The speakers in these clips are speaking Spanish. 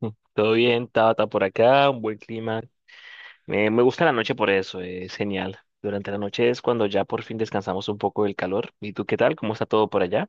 Mm, todo bien, Tata, por acá un buen clima. Me gusta la noche por eso, es genial. Durante la noche es cuando ya por fin descansamos un poco del calor. ¿Y tú qué tal? ¿Cómo está todo por allá?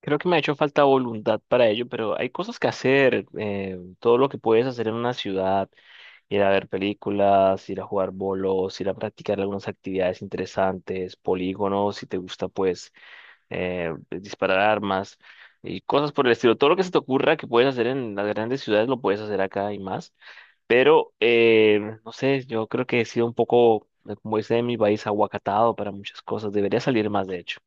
Creo que me ha hecho falta voluntad para ello, pero hay cosas que hacer. Todo lo que puedes hacer en una ciudad, ir a ver películas, ir a jugar bolos, ir a practicar algunas actividades interesantes, polígonos, si te gusta, pues disparar armas y cosas por el estilo. Todo lo que se te ocurra que puedes hacer en las grandes ciudades lo puedes hacer acá y más. Pero, no sé, yo creo que he sido un poco, como dice en mi país, aguacatado para muchas cosas. Debería salir más, de hecho.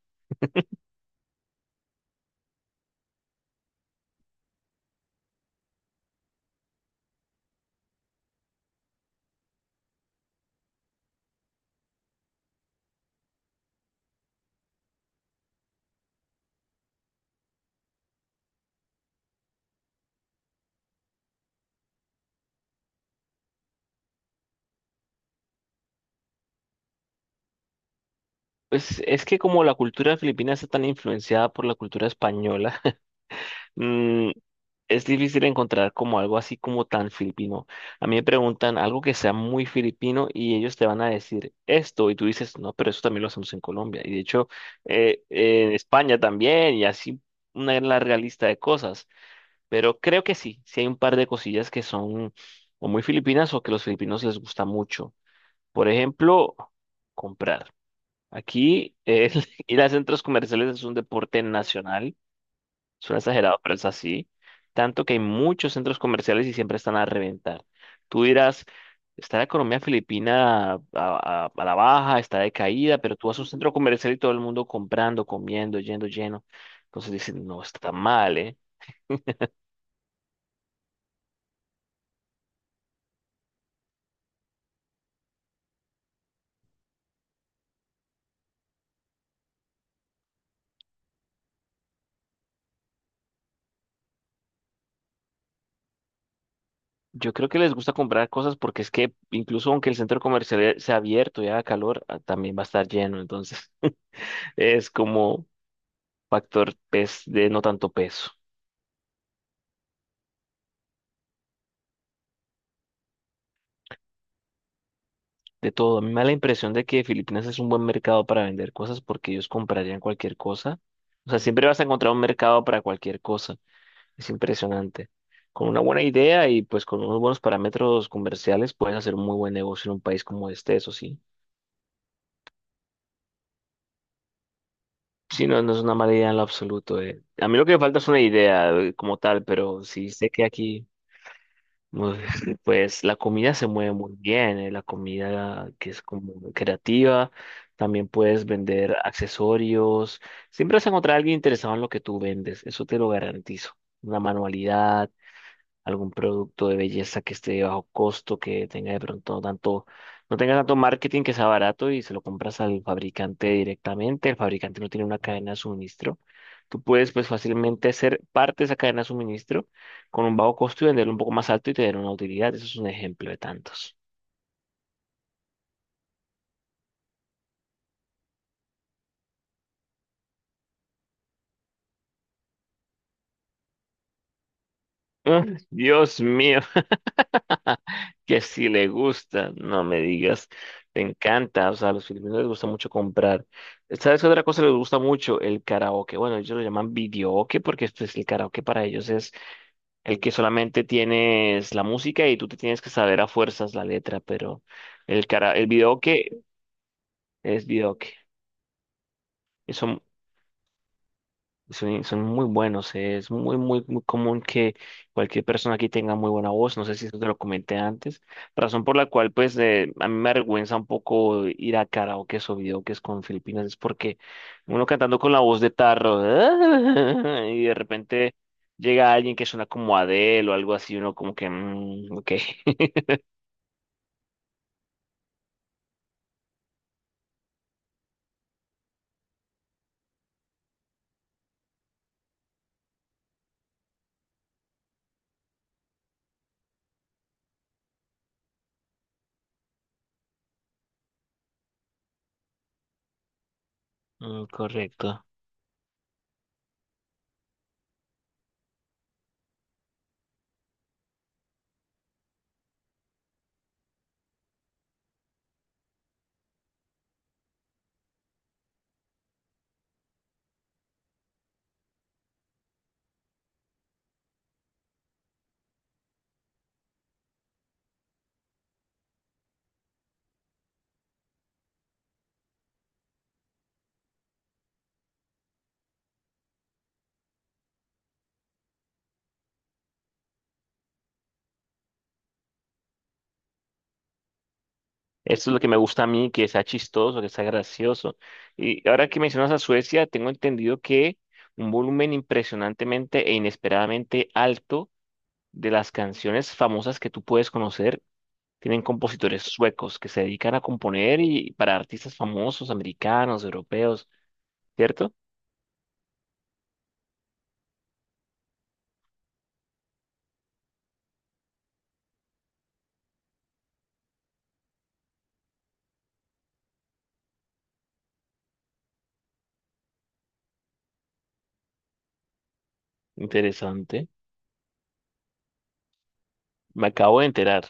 Pues es que como la cultura filipina está tan influenciada por la cultura española, mm, es difícil encontrar como algo así como tan filipino. A mí me preguntan algo que sea muy filipino y ellos te van a decir esto y tú dices, no, pero eso también lo hacemos en Colombia. Y de hecho, en España también, y así una larga lista de cosas. Pero creo que sí, sí hay un par de cosillas que son o muy filipinas o que los filipinos les gusta mucho. Por ejemplo, comprar. Aquí el ir a centros comerciales es un deporte nacional. Suena exagerado, pero es así. Tanto que hay muchos centros comerciales y siempre están a reventar. Tú dirás, está la economía filipina a la baja, está decaída, pero tú vas a un centro comercial y todo el mundo comprando, comiendo, yendo lleno. Entonces dicen, no, está mal, ¿eh? Yo creo que les gusta comprar cosas porque es que incluso aunque el centro comercial sea abierto y haga calor, ah, también va a estar lleno. Entonces es como factor de no tanto peso. De todo, a mí me da la impresión de que Filipinas es un buen mercado para vender cosas porque ellos comprarían cualquier cosa. O sea, siempre vas a encontrar un mercado para cualquier cosa. Es impresionante. Con una buena idea y pues con unos buenos parámetros comerciales puedes hacer un muy buen negocio en un país como este, eso sí. Sí, no, no es una mala idea en lo absoluto. A mí lo que me falta es una idea, como tal, pero sí sé que aquí, uf, pues la comida se mueve muy bien, la comida que es como creativa, también puedes vender accesorios, siempre vas a encontrar a alguien interesado en lo que tú vendes, eso te lo garantizo. Una manualidad, algún producto de belleza que esté de bajo costo, que tenga de pronto tanto, no tenga tanto marketing, que sea barato y se lo compras al fabricante directamente. El fabricante no tiene una cadena de suministro. Tú puedes pues fácilmente ser parte de esa cadena de suministro con un bajo costo y venderlo un poco más alto y tener una utilidad. Eso es un ejemplo de tantos. Ah, Dios mío. Que si le gusta, no me digas, te encanta, o sea, a los filipinos les gusta mucho comprar. ¿Sabes qué otra cosa les gusta mucho? El karaoke. Bueno, ellos lo llaman videoke porque esto es el karaoke, para ellos es el que solamente tienes la música y tú te tienes que saber a fuerzas la letra, pero el cara el videoke es videoke. Eso, son muy buenos, es muy, muy, muy común que cualquier persona aquí tenga muy buena voz, no sé si eso te lo comenté antes, razón por la cual pues a mí me avergüenza un poco ir a karaoke o videoques con Filipinas, es porque uno cantando con la voz de tarro y de repente llega alguien que suena como Adele o algo así, uno como que, mm, ok. Mm, correcto. Esto es lo que me gusta a mí, que sea chistoso, que sea gracioso. Y ahora que mencionas a Suecia, tengo entendido que un volumen impresionantemente e inesperadamente alto de las canciones famosas que tú puedes conocer tienen compositores suecos que se dedican a componer y para artistas famosos, americanos, europeos, ¿cierto? Interesante. Me acabo de enterar.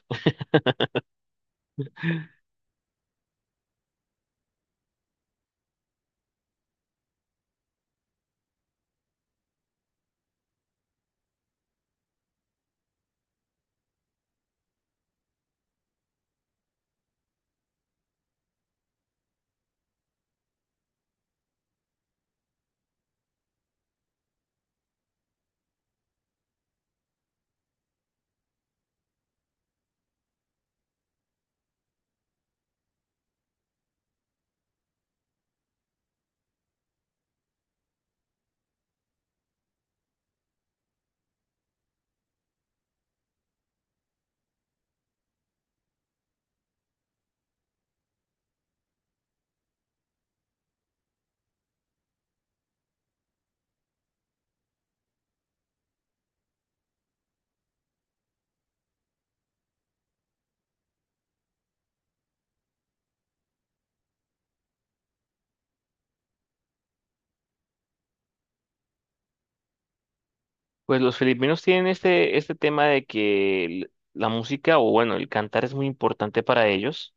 Pues los filipinos tienen este tema de que la música, o bueno, el cantar es muy importante para ellos.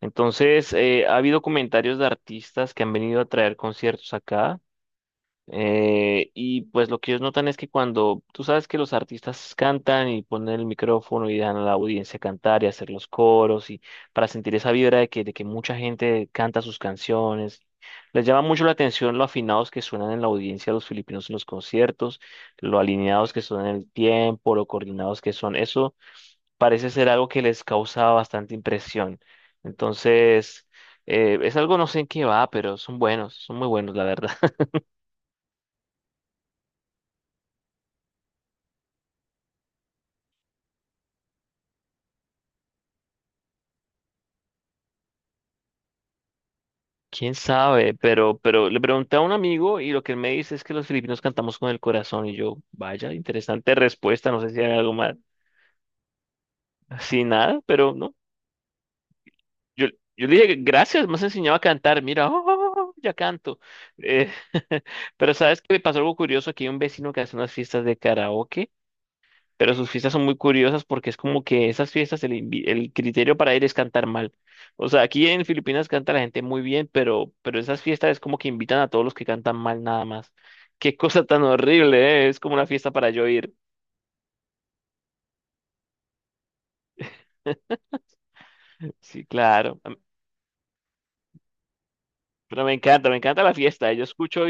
Entonces, ha habido comentarios de artistas que han venido a traer conciertos acá. Y pues lo que ellos notan es que cuando tú sabes que los artistas cantan y ponen el micrófono y dejan a la audiencia cantar y hacer los coros y para sentir esa vibra de que mucha gente canta sus canciones, les llama mucho la atención lo afinados que suenan en la audiencia los filipinos en los conciertos, lo alineados que son en el tiempo, lo coordinados que son. Eso parece ser algo que les causaba bastante impresión. Entonces, es algo no sé en qué va, pero son buenos, son muy buenos, la verdad. ¿Quién sabe? Pero le pregunté a un amigo y lo que él me dice es que los filipinos cantamos con el corazón y yo, vaya, interesante respuesta, no sé si hay algo más, así nada, pero no. Yo, yo le dije, gracias, me has enseñado a cantar, mira, oh, oh, oh, ya canto. Eh, pero sabes que me pasó algo curioso, aquí hay un vecino que hace unas fiestas de karaoke. Pero sus fiestas son muy curiosas porque es como que esas fiestas el criterio para ir es cantar mal. O sea, aquí en Filipinas canta la gente muy bien, pero esas fiestas es como que invitan a todos los que cantan mal nada más. Qué cosa tan horrible, ¿eh? Es como una fiesta para yo ir. Sí, claro. Am- Pero me encanta la fiesta. Yo escucho.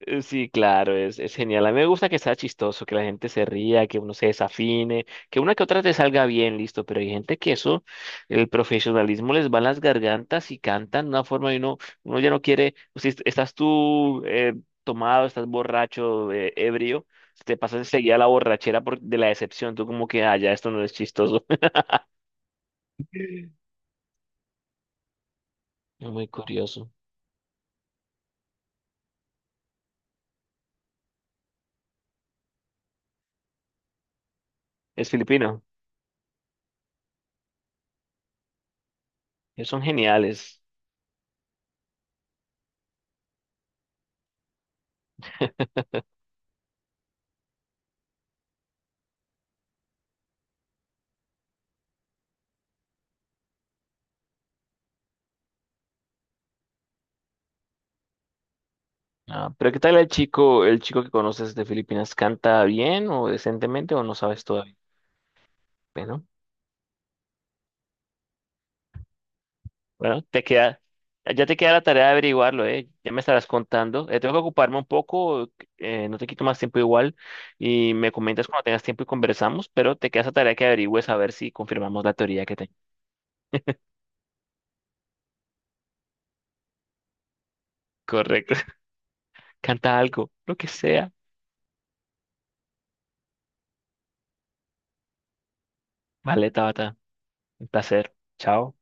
Sí, claro, es genial. A mí me gusta que sea chistoso, que la gente se ría, que uno se desafine, que una que otra te salga bien, listo, pero hay gente que eso, el profesionalismo les va en las gargantas y cantan de una forma y uno, uno ya no quiere, o si estás tú tomado, estás borracho, ebrio, se te pasa enseguida la borrachera por, de la decepción, tú como que, ah, ya esto no es chistoso. Es muy curioso. Es filipino, ellos son geniales. Ah, pero ¿qué tal el chico que conoces de Filipinas? ¿Canta bien o decentemente o no sabes todavía? Bueno, bueno, te queda, ya te queda la tarea de averiguarlo, ¿eh? Ya me estarás contando. Tengo que ocuparme un poco, no te quito más tiempo igual y me comentas cuando tengas tiempo y conversamos, pero te queda esa tarea que averigües a ver si confirmamos la teoría que tengo. Correcto. Canta algo, lo que sea. Vale, Tabata, un placer. Chao.